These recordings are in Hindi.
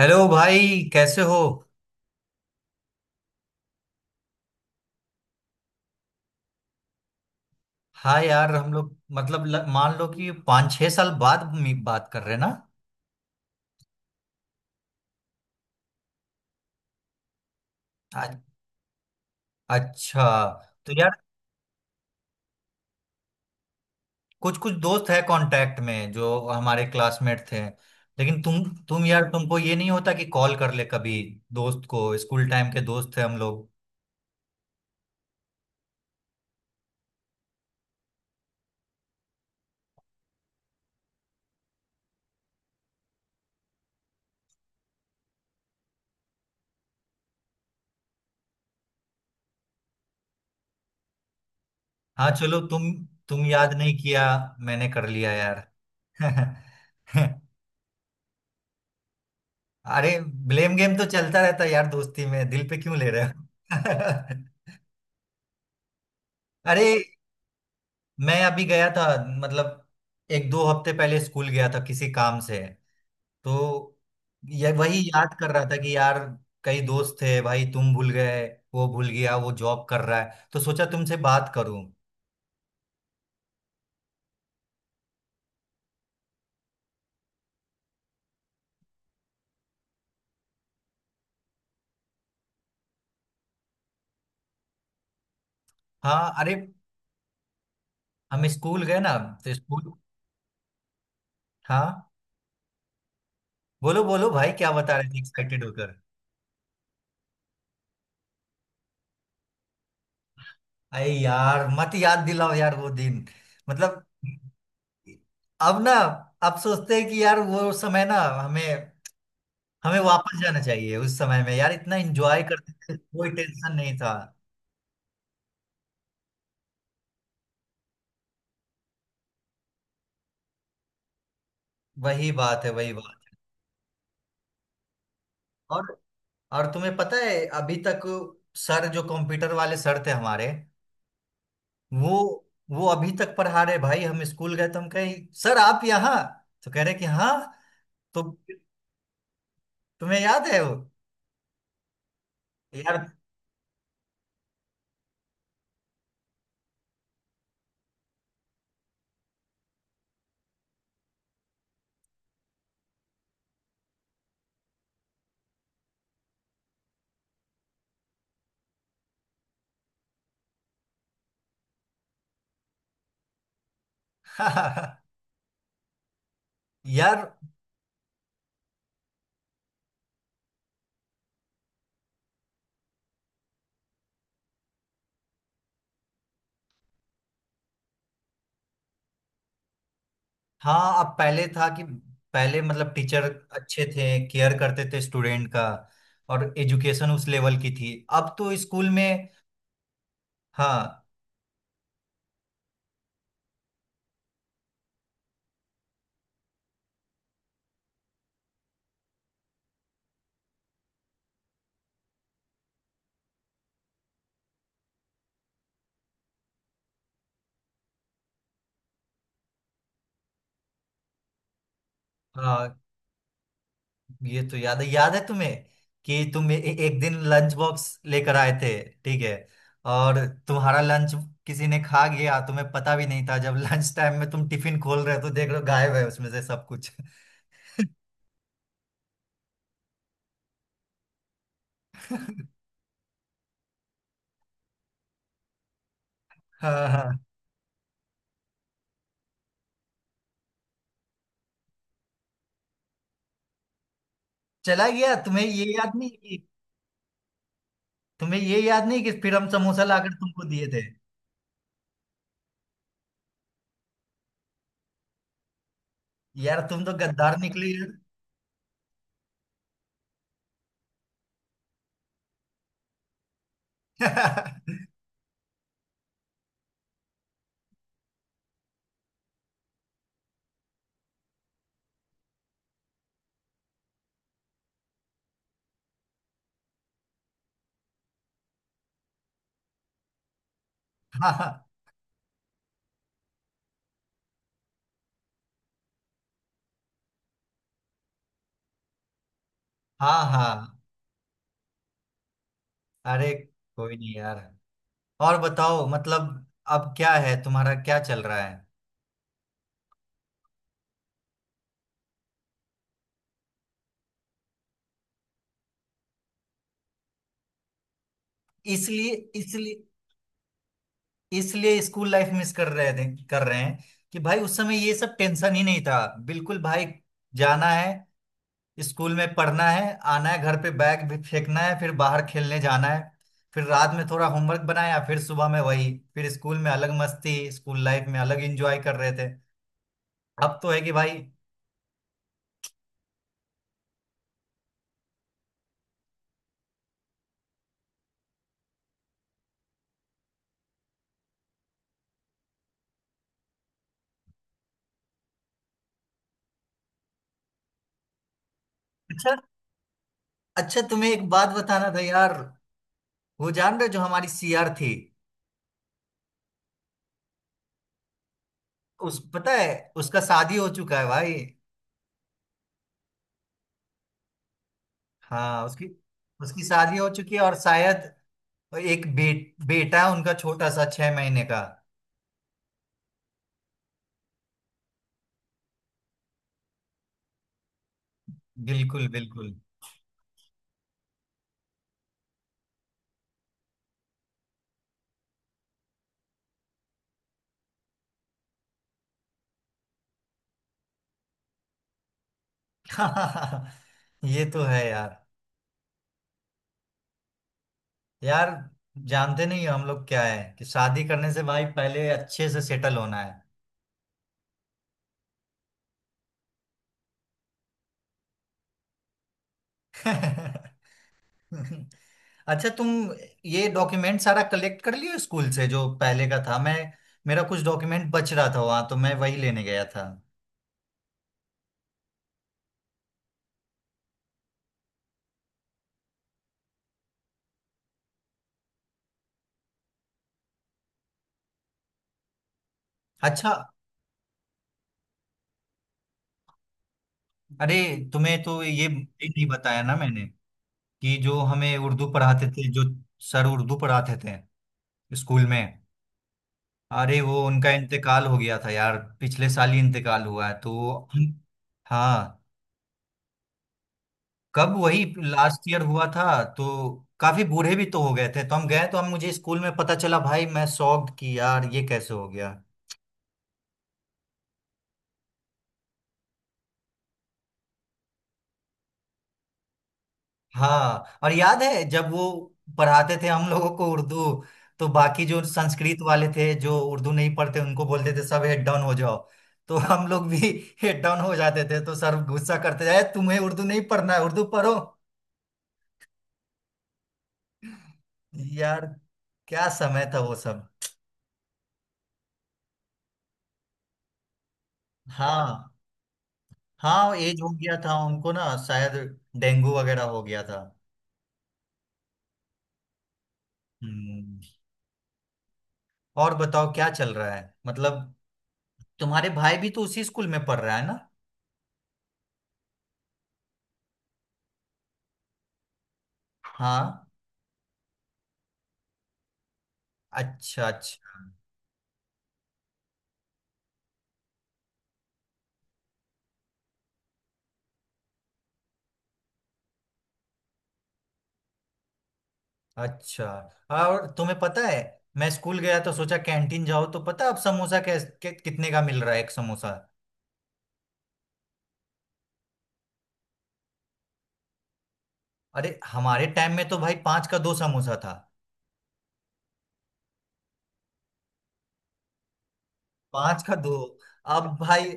हेलो भाई। कैसे हो? हाँ यार, हम लोग मतलब मान लो कि 5-6 साल बाद बात कर रहे हैं ना। आ- अच्छा। तो यार, कुछ कुछ दोस्त है कांटेक्ट में जो हमारे क्लासमेट थे। लेकिन तुम यार, तुमको ये नहीं होता कि कॉल कर ले कभी दोस्त को? स्कूल टाइम के दोस्त थे हम लोग। हाँ चलो, तुम याद नहीं किया, मैंने कर लिया यार। अरे, ब्लेम गेम तो चलता रहता है यार, दोस्ती में दिल पे क्यों ले रहे हो? अरे, मैं अभी गया था। मतलब, 1-2 हफ्ते पहले स्कूल गया था किसी काम से। तो ये वही अच्छा याद कर रहा था कि यार कई दोस्त थे भाई, तुम भूल गए, वो भूल गया, वो जॉब कर रहा है, तो सोचा तुमसे बात करूं। हाँ अरे, हम स्कूल गए ना। तो स्कूल, हाँ, बोलो बोलो भाई, क्या बता रहे थे एक्साइटेड होकर? अरे यार, मत याद दिलाओ यार वो दिन, मतलब। अब ना, अब सोचते हैं कि यार वो समय, ना हमें, हमें वापस जाना चाहिए उस समय में। यार इतना एंजॉय करते थे, कोई टेंशन नहीं था। वही बात है, वही बात। और और तुम्हें पता है, अभी तक सर जो कंप्यूटर वाले सर थे हमारे, वो वो अभी तक पढ़ा रहे भाई। हम स्कूल गए तो हम कहे, सर आप यहाँ? तो कह रहे कि हाँ। तो तुम्हें याद है वो? यार। यार हाँ, अब पहले था कि पहले मतलब टीचर अच्छे थे, केयर करते थे स्टूडेंट का, और एजुकेशन उस लेवल की थी, अब तो स्कूल में। हाँ हाँ, ये तो याद है, याद है तुम्हें, कि तुम ए, ए- एक दिन लंच बॉक्स लेकर आए थे, ठीक है, और तुम्हारा लंच किसी ने खा गया, तुम्हें पता भी नहीं था जब लंच टाइम में तुम टिफिन खोल रहे हो, तो देख रहे हो गायब है उसमें से सब कुछ। हाँ हाँ, चला गया। तुम्हें ये याद नहीं कि तुम्हें ये याद नहीं कि फिर हम समोसा लाकर तुमको दिए थे? यार तुम तो गद्दार निकली यार। हाँ हाँ हाँ। अरे कोई नहीं यार। और बताओ मतलब, अब क्या है, तुम्हारा क्या चल रहा है? इसलिए, इसलिए, इसलिए स्कूल लाइफ मिस कर रहे थे, कर रहे हैं, कि भाई उस समय ये सब टेंशन ही नहीं था। बिल्कुल भाई, जाना है, स्कूल में पढ़ना है, आना है, घर पे बैग भी फेंकना है, फिर बाहर खेलने जाना है, फिर रात में थोड़ा होमवर्क बनाया, फिर सुबह में वही, फिर स्कूल में अलग मस्ती, स्कूल लाइफ में अलग एंजॉय कर रहे थे। अब तो है कि भाई, अच्छा। अच्छा, तुम्हें एक बात बताना था यार। वो जान रहे हो जो हमारी सीआर थी? उस, पता है उसका शादी हो चुका है भाई। हाँ उसकी, उसकी शादी हो चुकी है, और शायद एक बेटा है उनका, छोटा सा, 6 महीने का। बिल्कुल बिल्कुल। ये तो है यार। यार, जानते नहीं हो हम लोग क्या है, कि शादी करने से भाई पहले अच्छे से सेटल होना है। अच्छा तुम ये डॉक्यूमेंट सारा कलेक्ट कर लियो स्कूल से जो पहले का था, मैं, मेरा कुछ डॉक्यूमेंट बच रहा था वहां, तो मैं वही लेने गया था। अच्छा, अरे, तुम्हें तो ये नहीं बताया ना मैंने, कि जो हमें उर्दू पढ़ाते थे, जो सर उर्दू पढ़ाते थे स्कूल में, अरे वो उनका इंतकाल हो गया था यार, पिछले साल ही इंतकाल हुआ है तो। हम- हाँ। कब? वही लास्ट ईयर हुआ था। तो काफी बूढ़े भी तो हो गए थे, तो हम गए तो हम, मुझे स्कूल में पता चला भाई, मैं शॉक्ड कि यार ये कैसे हो गया। हाँ, और याद है जब वो पढ़ाते थे हम लोगों को उर्दू, तो बाकी जो संस्कृत वाले थे जो उर्दू नहीं पढ़ते, उनको बोलते थे सब हेड डाउन हो जाओ, तो हम लोग भी हेड डाउन हो जाते थे, तो सर गुस्सा करते जाए, तुम्हें उर्दू नहीं पढ़ना है, उर्दू पढ़ो। यार क्या समय था वो सब। हाँ हाँ, एज हो गया था उनको ना शायद, डेंगू वगैरह हो गया था। हम्म, और बताओ क्या चल रहा है, मतलब तुम्हारे भाई भी तो उसी स्कूल में पढ़ रहा है ना? हाँ, अच्छा अच्छा। अच्छा हाँ, और तुम्हें पता है, मैं स्कूल गया तो सोचा कैंटीन जाओ, तो पता अब समोसा कितने का मिल रहा है एक समोसा? अरे हमारे टाइम में तो भाई 5 का 2 समोसा था। 5 का 2। अब भाई,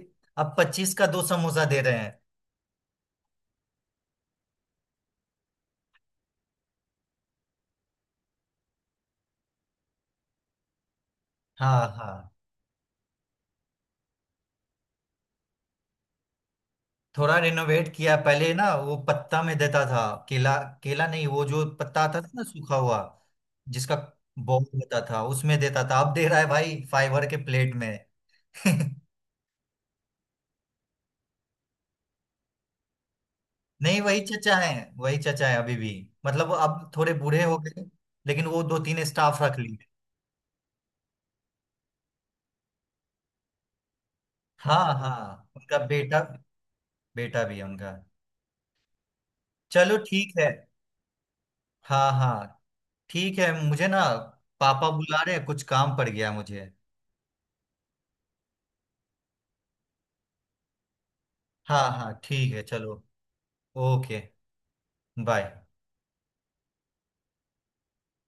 अब 25 का 2 समोसा दे रहे हैं। हाँ हाँ, थोड़ा रिनोवेट किया। पहले ना वो पत्ता में देता था, केला, केला नहीं, वो जो पत्ता आता था ना सूखा हुआ, जिसका बॉल होता था, उसमें देता था। अब दे रहा है भाई फाइबर के प्लेट में। नहीं वही चचा है, वही चचा है अभी भी। मतलब वो अब थोड़े बूढ़े हो गए, लेकिन वो 2-3 स्टाफ रख लिए। हाँ हाँ उनका बेटा, बेटा भी है उनका। चलो ठीक है। हाँ हाँ ठीक है। मुझे ना पापा बुला रहे हैं, कुछ काम पड़ गया मुझे। हाँ हाँ ठीक है चलो। ओके। बाय।